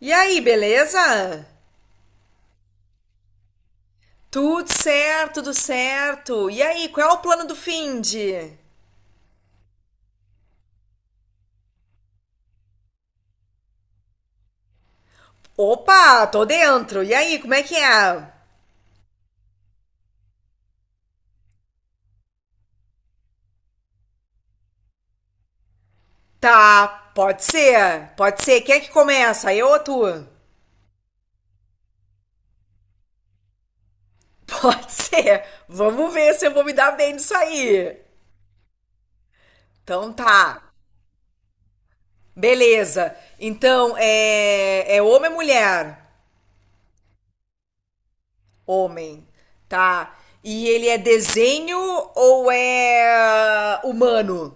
E aí, beleza? Tudo certo, tudo certo. E aí, qual é o plano do finde? Opa, tô dentro. E aí, como é que é? Tá, pode ser, pode ser. Quem é que começa? Eu ou tu? Pode ser. Vamos ver se eu vou me dar bem nisso aí. Então tá. Beleza. Então, é homem ou mulher? Homem. Tá. E ele é desenho ou é humano?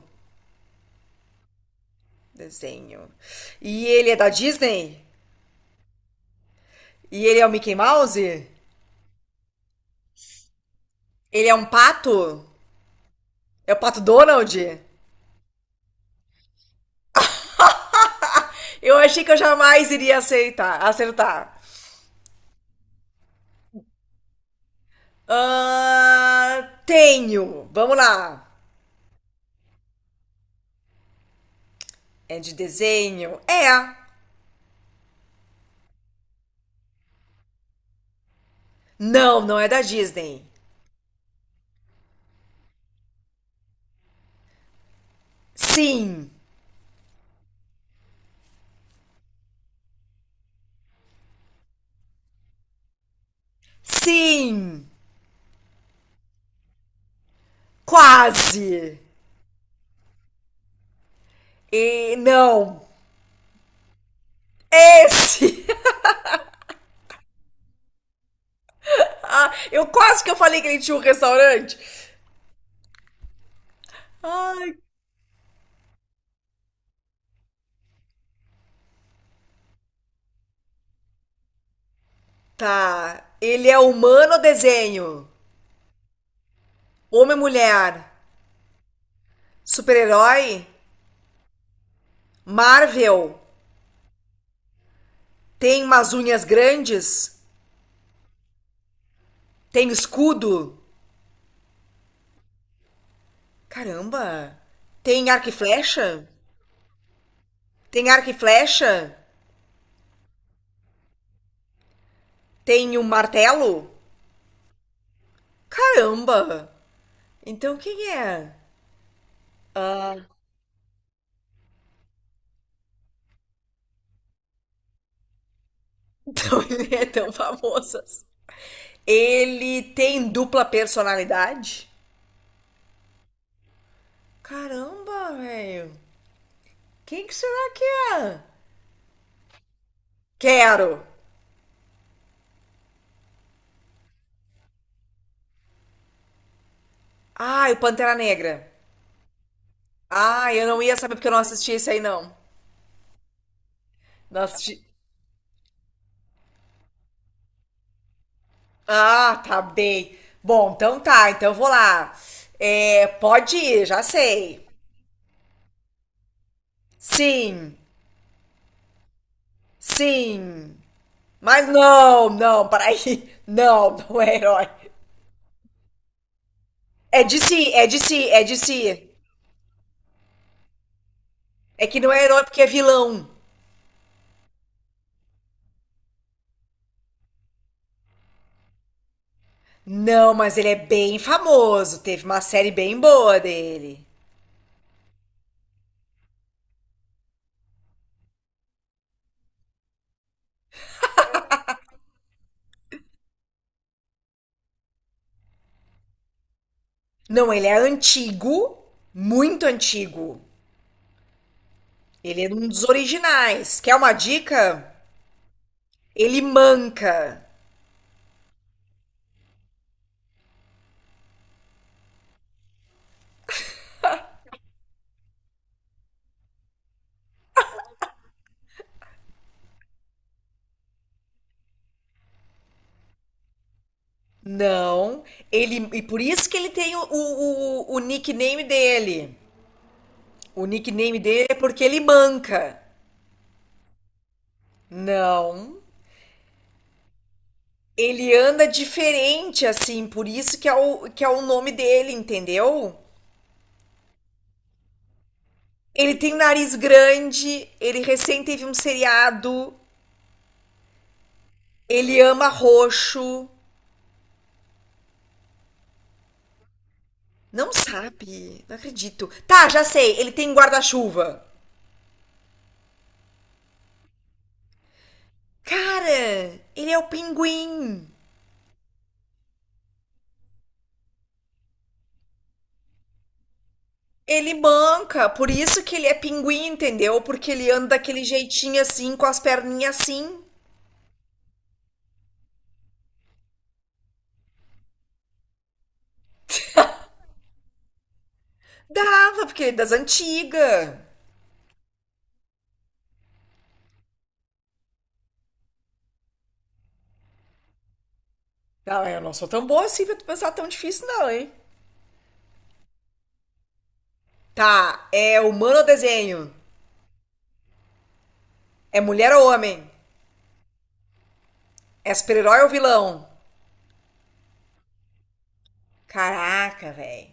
Desenho. E ele é da Disney? E ele é o Mickey Mouse? Ele é um pato? É o Pato Donald? Eu achei que eu jamais iria aceitar, acertar. Ah, tenho. Vamos lá. É de desenho? É. Não, não é da Disney. Sim. Sim. Quase. E não. Esse. Ah, eu quase que eu falei que ele tinha um restaurante. Ai, tá. Ele é humano ou desenho? Homem ou mulher? Super-herói? Marvel? Tem umas unhas grandes? Tem escudo? Caramba! Tem arco e flecha? Tem arco e flecha? Tem um martelo? Caramba! Então quem é? Ah, então ele é tão famoso, assim. Ele tem dupla personalidade? Caramba, velho! Quem que será que é? Quero! Ai, o Pantera Negra. Ah, eu não ia saber porque eu não assisti esse aí, não. Não assisti. Ah, tá bem. Bom, então tá, então eu vou lá. É, pode ir, já sei. Sim, sim. Mas peraí. Não, não é herói. É de si, é de si, é de si. É que não é herói porque é vilão. Não, mas ele é bem famoso. Teve uma série bem boa dele. Não, ele é antigo, muito antigo. Ele é um dos originais. Quer uma dica? Ele manca. Não, ele e por isso que ele tem o nickname dele. O nickname dele é porque ele manca. Não, ele anda diferente assim, por isso que é o nome dele, entendeu? Ele tem um nariz grande, ele recém teve um seriado, ele ama roxo. Não sabe, não acredito. Tá, já sei, ele tem guarda-chuva. Cara, ele é o pinguim. Ele manca, por isso que ele é pinguim, entendeu? Porque ele anda daquele jeitinho assim, com as perninhas assim. Dava, porque ele é das antigas. Não, eu não sou tão boa assim pra tu pensar tão difícil, não, hein? Tá, é humano ou desenho? É mulher ou homem? É super-herói ou vilão? Caraca, velho.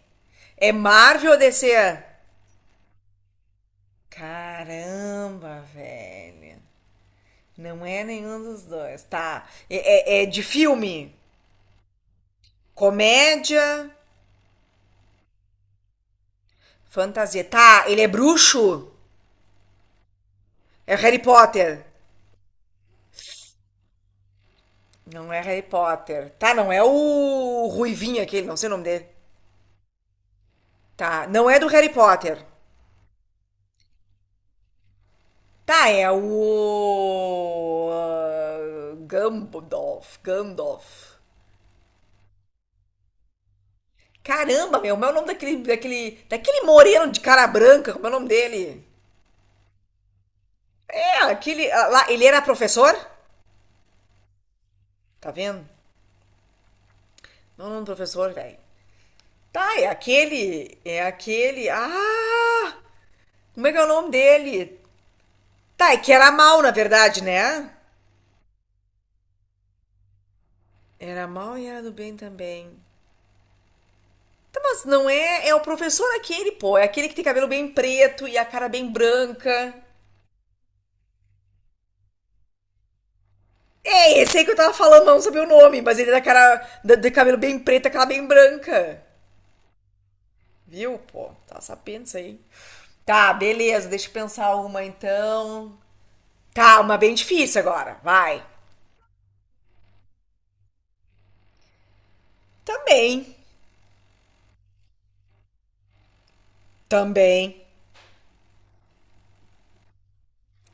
É Marvel ou DC? Caramba, velho. Não é nenhum dos dois. Tá. É de filme? Comédia, fantasia. Tá, ele é bruxo? É Harry Potter? Não é Harry Potter. Tá, não é o Ruivinho aquele, não sei o nome dele. Tá, não é do Harry Potter. Tá, é o, ah, Gandalf. Gandalf. Caramba, meu, como é o nome daquele moreno de cara branca? Como é o nome dele? É, aquele, ah, lá, ele era professor? Tá vendo? Não, não, professor, velho. Tá, é aquele. É aquele. Ah! Como é que é o nome dele? Tá, é que era mal, na verdade, né? Era mal e era do bem também. Tá, mas não é. É o professor aquele, pô. É aquele que tem cabelo bem preto e a cara bem branca. É, esse aí que eu tava falando, mas não sabia o nome, mas ele é da cara. Da- De cabelo bem preto, aquela bem branca. Viu, pô? Tá sabendo isso aí. Tá, beleza, deixa eu pensar uma então. Tá, uma bem difícil agora, vai. Também, também.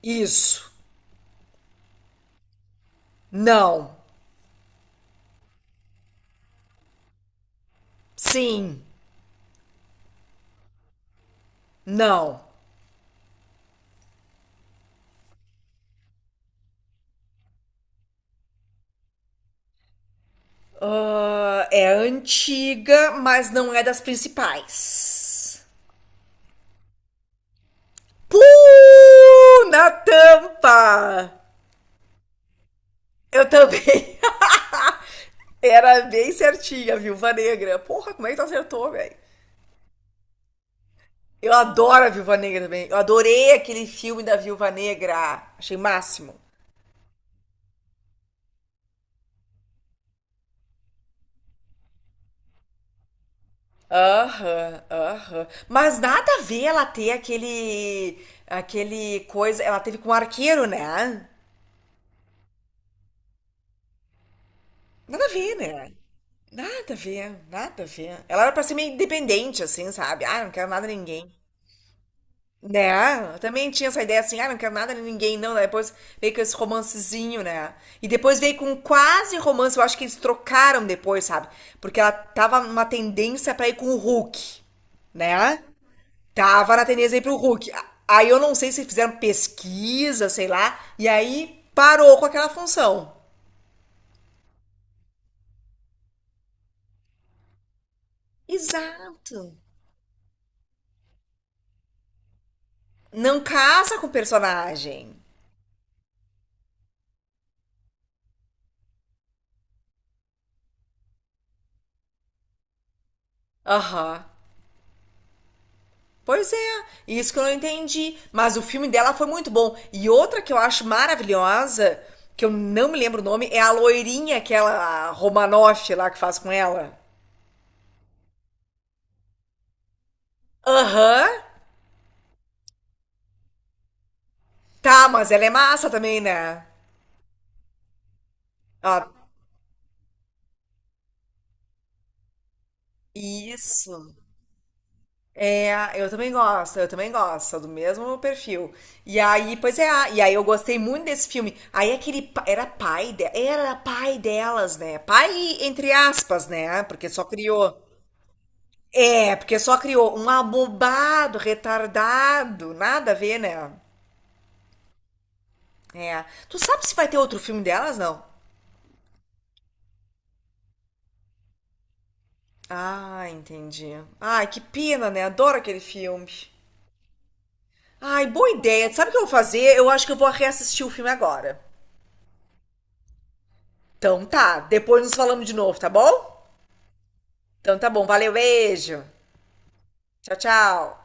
Isso. Não. Sim. Não. Ah, é antiga, mas não é das principais. Pum! Na tampa! Eu também. Era bem certinha, Viúva Negra. Porra, como é que tu acertou, velho? Eu adoro a Viúva Negra também. Eu adorei aquele filme da Viúva Negra. Achei máximo. Aham, aham. Mas nada a ver ela ter aquele coisa. Ela teve com o arqueiro, né? Nada a ver, né? Nada a ver, nada a ver. Ela era pra ser meio independente, assim, sabe? Ah, não quero nada de ninguém. Né? Eu também tinha essa ideia assim, ah, não quero nada de ninguém, não. Daí depois veio com esse romancezinho, né? E depois veio com quase romance. Eu acho que eles trocaram depois, sabe? Porque ela tava numa tendência pra ir com o Hulk, né? Tava na tendência aí pro Hulk. Aí eu não sei se fizeram pesquisa, sei lá, e aí parou com aquela função. Exato. Não casa com o personagem. Aham. Pois é, isso que eu não entendi. Mas o filme dela foi muito bom. E outra que eu acho maravilhosa, que eu não me lembro o nome, é a loirinha, aquela Romanoff lá que faz com ela. Aham. Tá, mas ela é massa também, né? Ó, isso. É, eu também gosto, sou do mesmo perfil. E aí, pois é, e aí eu gostei muito desse filme. Era pai de, era pai delas, né? Pai entre aspas, né? Porque só criou. É, porque só criou um abobado, retardado, nada a ver, né? É. Tu sabe se vai ter outro filme delas, não? Ah, entendi. Ai, que pena, né? Adoro aquele filme. Ai, boa ideia. Sabe o que eu vou fazer? Eu acho que eu vou reassistir o filme agora. Então tá, depois nos falamos de novo, tá bom? Então tá bom, valeu, beijo. Tchau, tchau.